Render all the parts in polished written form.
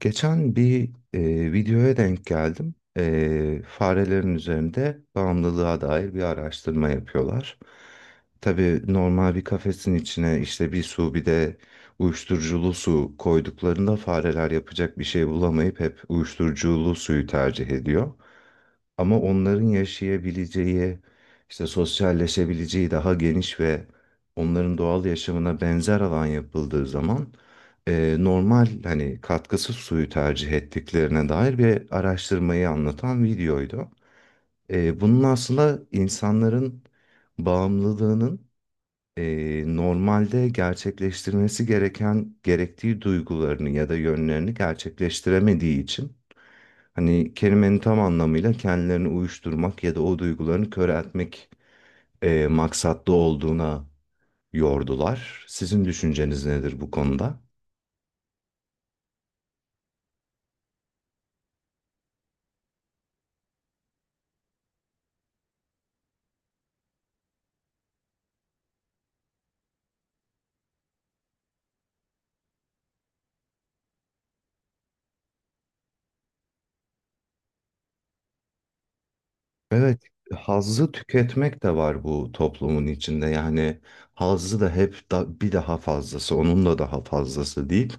Geçen bir videoya denk geldim. Farelerin üzerinde bağımlılığa dair bir araştırma yapıyorlar. Tabii normal bir kafesin içine işte bir su bir de uyuşturuculu su koyduklarında fareler yapacak bir şey bulamayıp hep uyuşturuculu suyu tercih ediyor. Ama onların yaşayabileceği, işte sosyalleşebileceği daha geniş ve onların doğal yaşamına benzer alan yapıldığı zaman normal hani katkısız suyu tercih ettiklerine dair bir araştırmayı anlatan videoydu. Bunun aslında insanların bağımlılığının normalde gerçekleştirmesi gereken gerektiği duygularını ya da yönlerini gerçekleştiremediği için hani kelimenin tam anlamıyla kendilerini uyuşturmak ya da o duygularını köreltmek maksatlı olduğuna yordular. Sizin düşünceniz nedir bu konuda? Evet, hazzı tüketmek de var bu toplumun içinde. Yani hazzı da hep bir daha fazlası, onun da daha fazlası değil.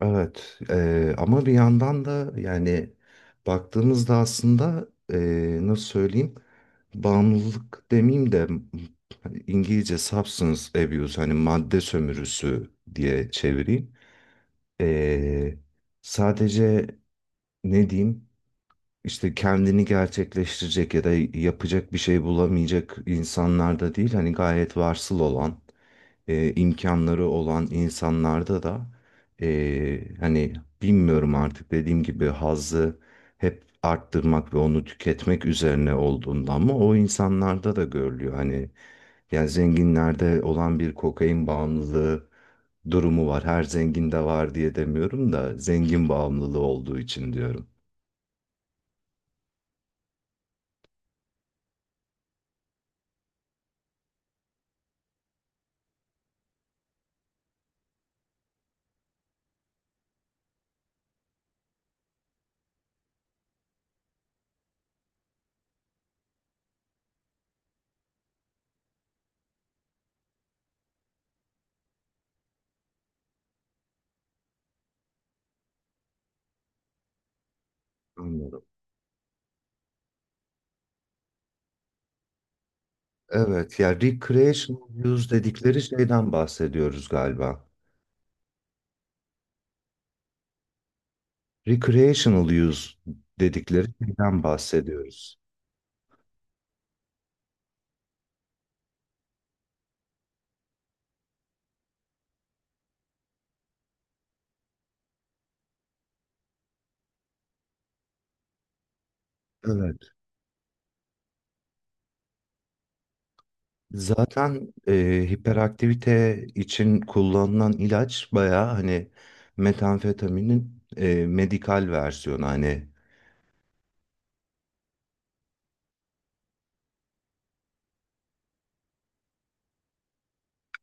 Evet ama bir yandan da yani baktığımızda aslında nasıl söyleyeyim bağımlılık demeyeyim de hani İngilizce substance abuse hani madde sömürüsü diye çevireyim. Eee, Sadece ne diyeyim işte kendini gerçekleştirecek ya da yapacak bir şey bulamayacak insanlar da değil hani gayet varsıl olan imkanları olan insanlarda da hani bilmiyorum artık dediğim gibi hazzı hep arttırmak ve onu tüketmek üzerine olduğunda ama o insanlarda da görülüyor. Hani yani zenginlerde olan bir kokain bağımlılığı durumu var. Her zenginde var diye demiyorum da zengin bağımlılığı olduğu için diyorum. Anladım. Evet ya recreational use dedikleri şeyden bahsediyoruz galiba. Recreational use dedikleri şeyden bahsediyoruz. Evet. Zaten hiperaktivite için kullanılan ilaç bayağı hani metamfetaminin medikal versiyonu hani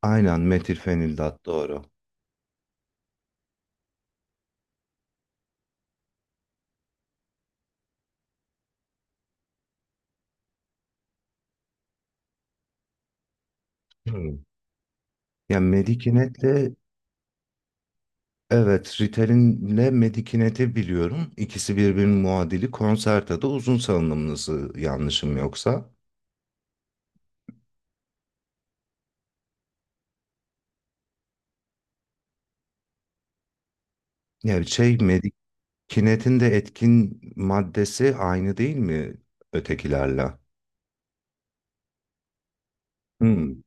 aynen metilfenidat doğru. Hmm. Yani Medikinet'le evet, Ritalin'le Medikinet'i biliyorum. İkisi birbirinin muadili. Concerta'da uzun salınımlısı yanlışım yoksa. Yani şey Medikinet'in de etkin maddesi aynı değil mi ötekilerle? Hmm,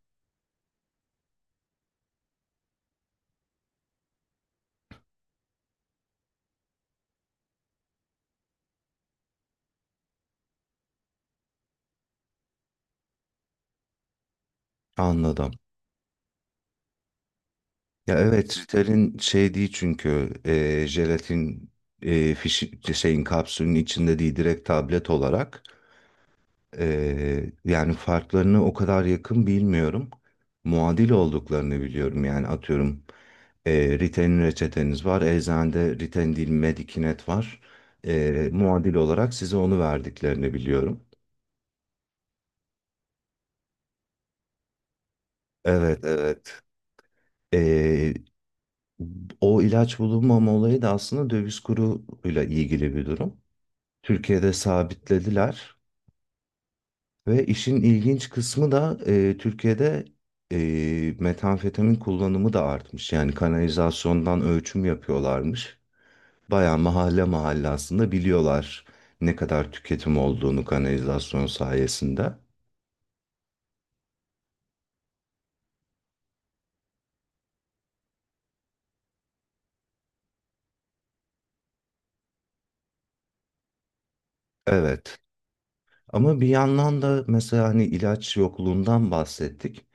anladım. Ya evet Ritalin şey değil çünkü jelatin şeyin kapsülün içinde değil direkt tablet olarak. Yani farklarını o kadar yakın bilmiyorum. Muadil olduklarını biliyorum. Yani atıyorum Riten'in reçeteniz var. Eczanede Riten değil Medikinet var. Muadil olarak size onu verdiklerini biliyorum. Evet, evet. Eee, O ilaç bulunmama olayı da aslında döviz kuruyla ilgili bir durum. Türkiye'de sabitlediler. Ve işin ilginç kısmı da Türkiye'de metamfetamin kullanımı da artmış. Yani kanalizasyondan ölçüm yapıyorlarmış. Bayağı mahalle mahalle aslında biliyorlar ne kadar tüketim olduğunu kanalizasyon sayesinde. Evet. Ama bir yandan da mesela hani ilaç yokluğundan bahsettik.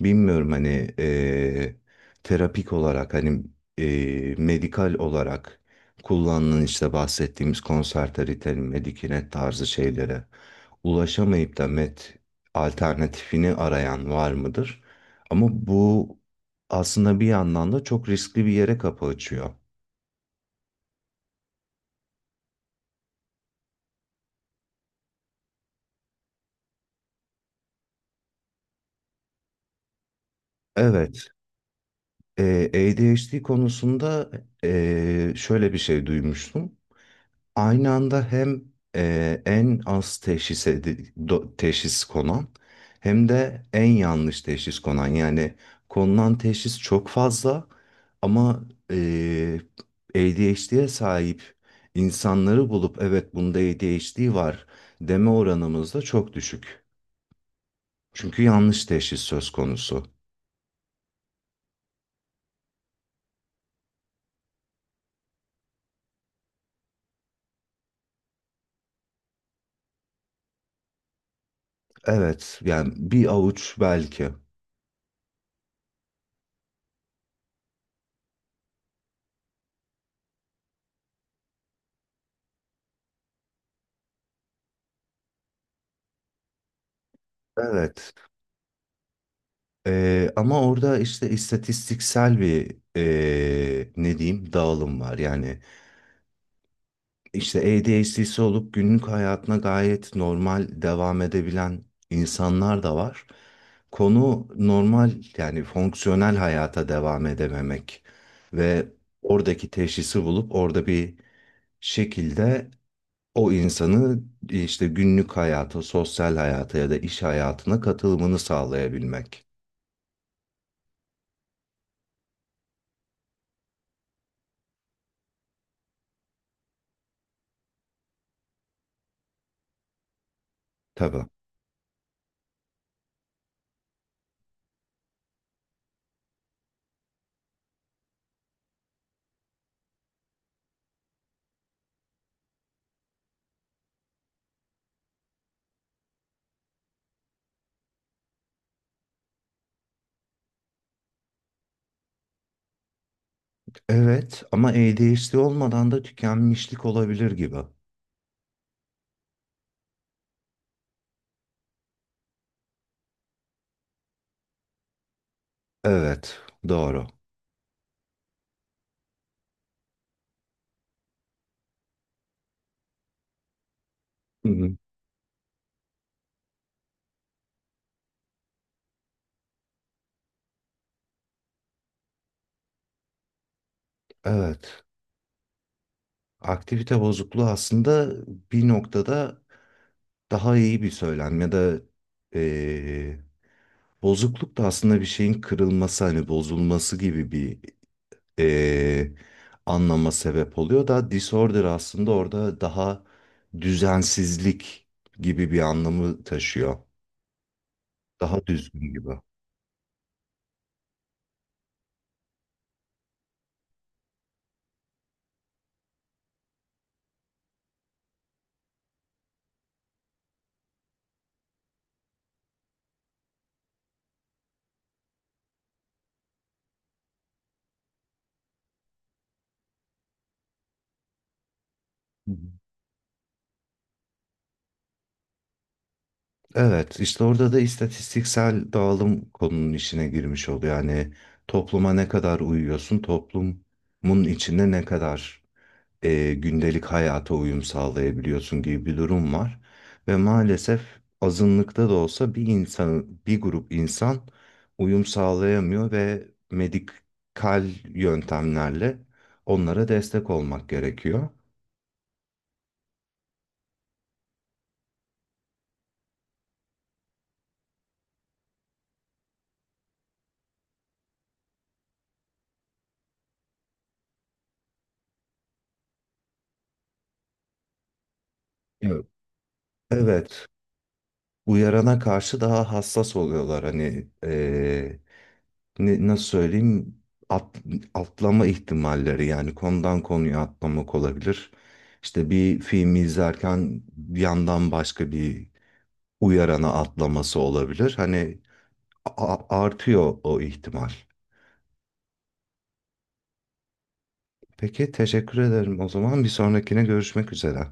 Bilmiyorum hani eee, terapik olarak hani medikal olarak kullanılan işte bahsettiğimiz konser ritalin, Medikinet tarzı şeylere ulaşamayıp da met alternatifini arayan var mıdır? Ama bu aslında bir yandan da çok riskli bir yere kapı açıyor. Evet, eee ADHD konusunda şöyle bir şey duymuştum. Aynı anda hem en az teşhis konan hem de en yanlış teşhis konan. Yani konulan teşhis çok fazla ama e, ADHD'ye sahip insanları bulup evet bunda ADHD var deme oranımız da çok düşük. Çünkü yanlış teşhis söz konusu. Evet yani bir avuç belki. Evet. Ama orada işte istatistiksel bir ne diyeyim dağılım var. Yani işte ADHD'si olup günlük hayatına gayet normal devam edebilen insanlar da var. Konu normal yani fonksiyonel hayata devam edememek ve oradaki teşhisi bulup orada bir şekilde o insanı işte günlük hayata, sosyal hayata ya da iş hayatına katılımını sağlayabilmek. Tabii. Evet ama ADHD olmadan da tükenmişlik olabilir gibi. Evet, doğru. Hı hı. Evet. Aktivite bozukluğu aslında bir noktada daha iyi bir söylem ya da eee, bozukluk da aslında bir şeyin kırılması hani bozulması gibi bir eee, anlama sebep oluyor da disorder aslında orada daha düzensizlik gibi bir anlamı taşıyor. Daha düzgün gibi. Hı hı. Evet, işte orada da istatistiksel dağılım konunun içine girmiş oluyor. Yani topluma ne kadar uyuyorsun, toplumun içinde ne kadar gündelik hayata uyum sağlayabiliyorsun gibi bir durum var. Ve maalesef azınlıkta da olsa bir insan, bir grup insan uyum sağlayamıyor ve medikal yöntemlerle onlara destek olmak gerekiyor. Evet. Evet, uyarana karşı daha hassas oluyorlar hani nasıl söyleyeyim at- atlama ihtimalleri yani konudan konuya atlamak olabilir. İşte bir filmi izlerken bir yandan başka bir uyarana atlaması olabilir. Hani artıyor o ihtimal. Peki teşekkür ederim o zaman. Bir sonrakine görüşmek üzere.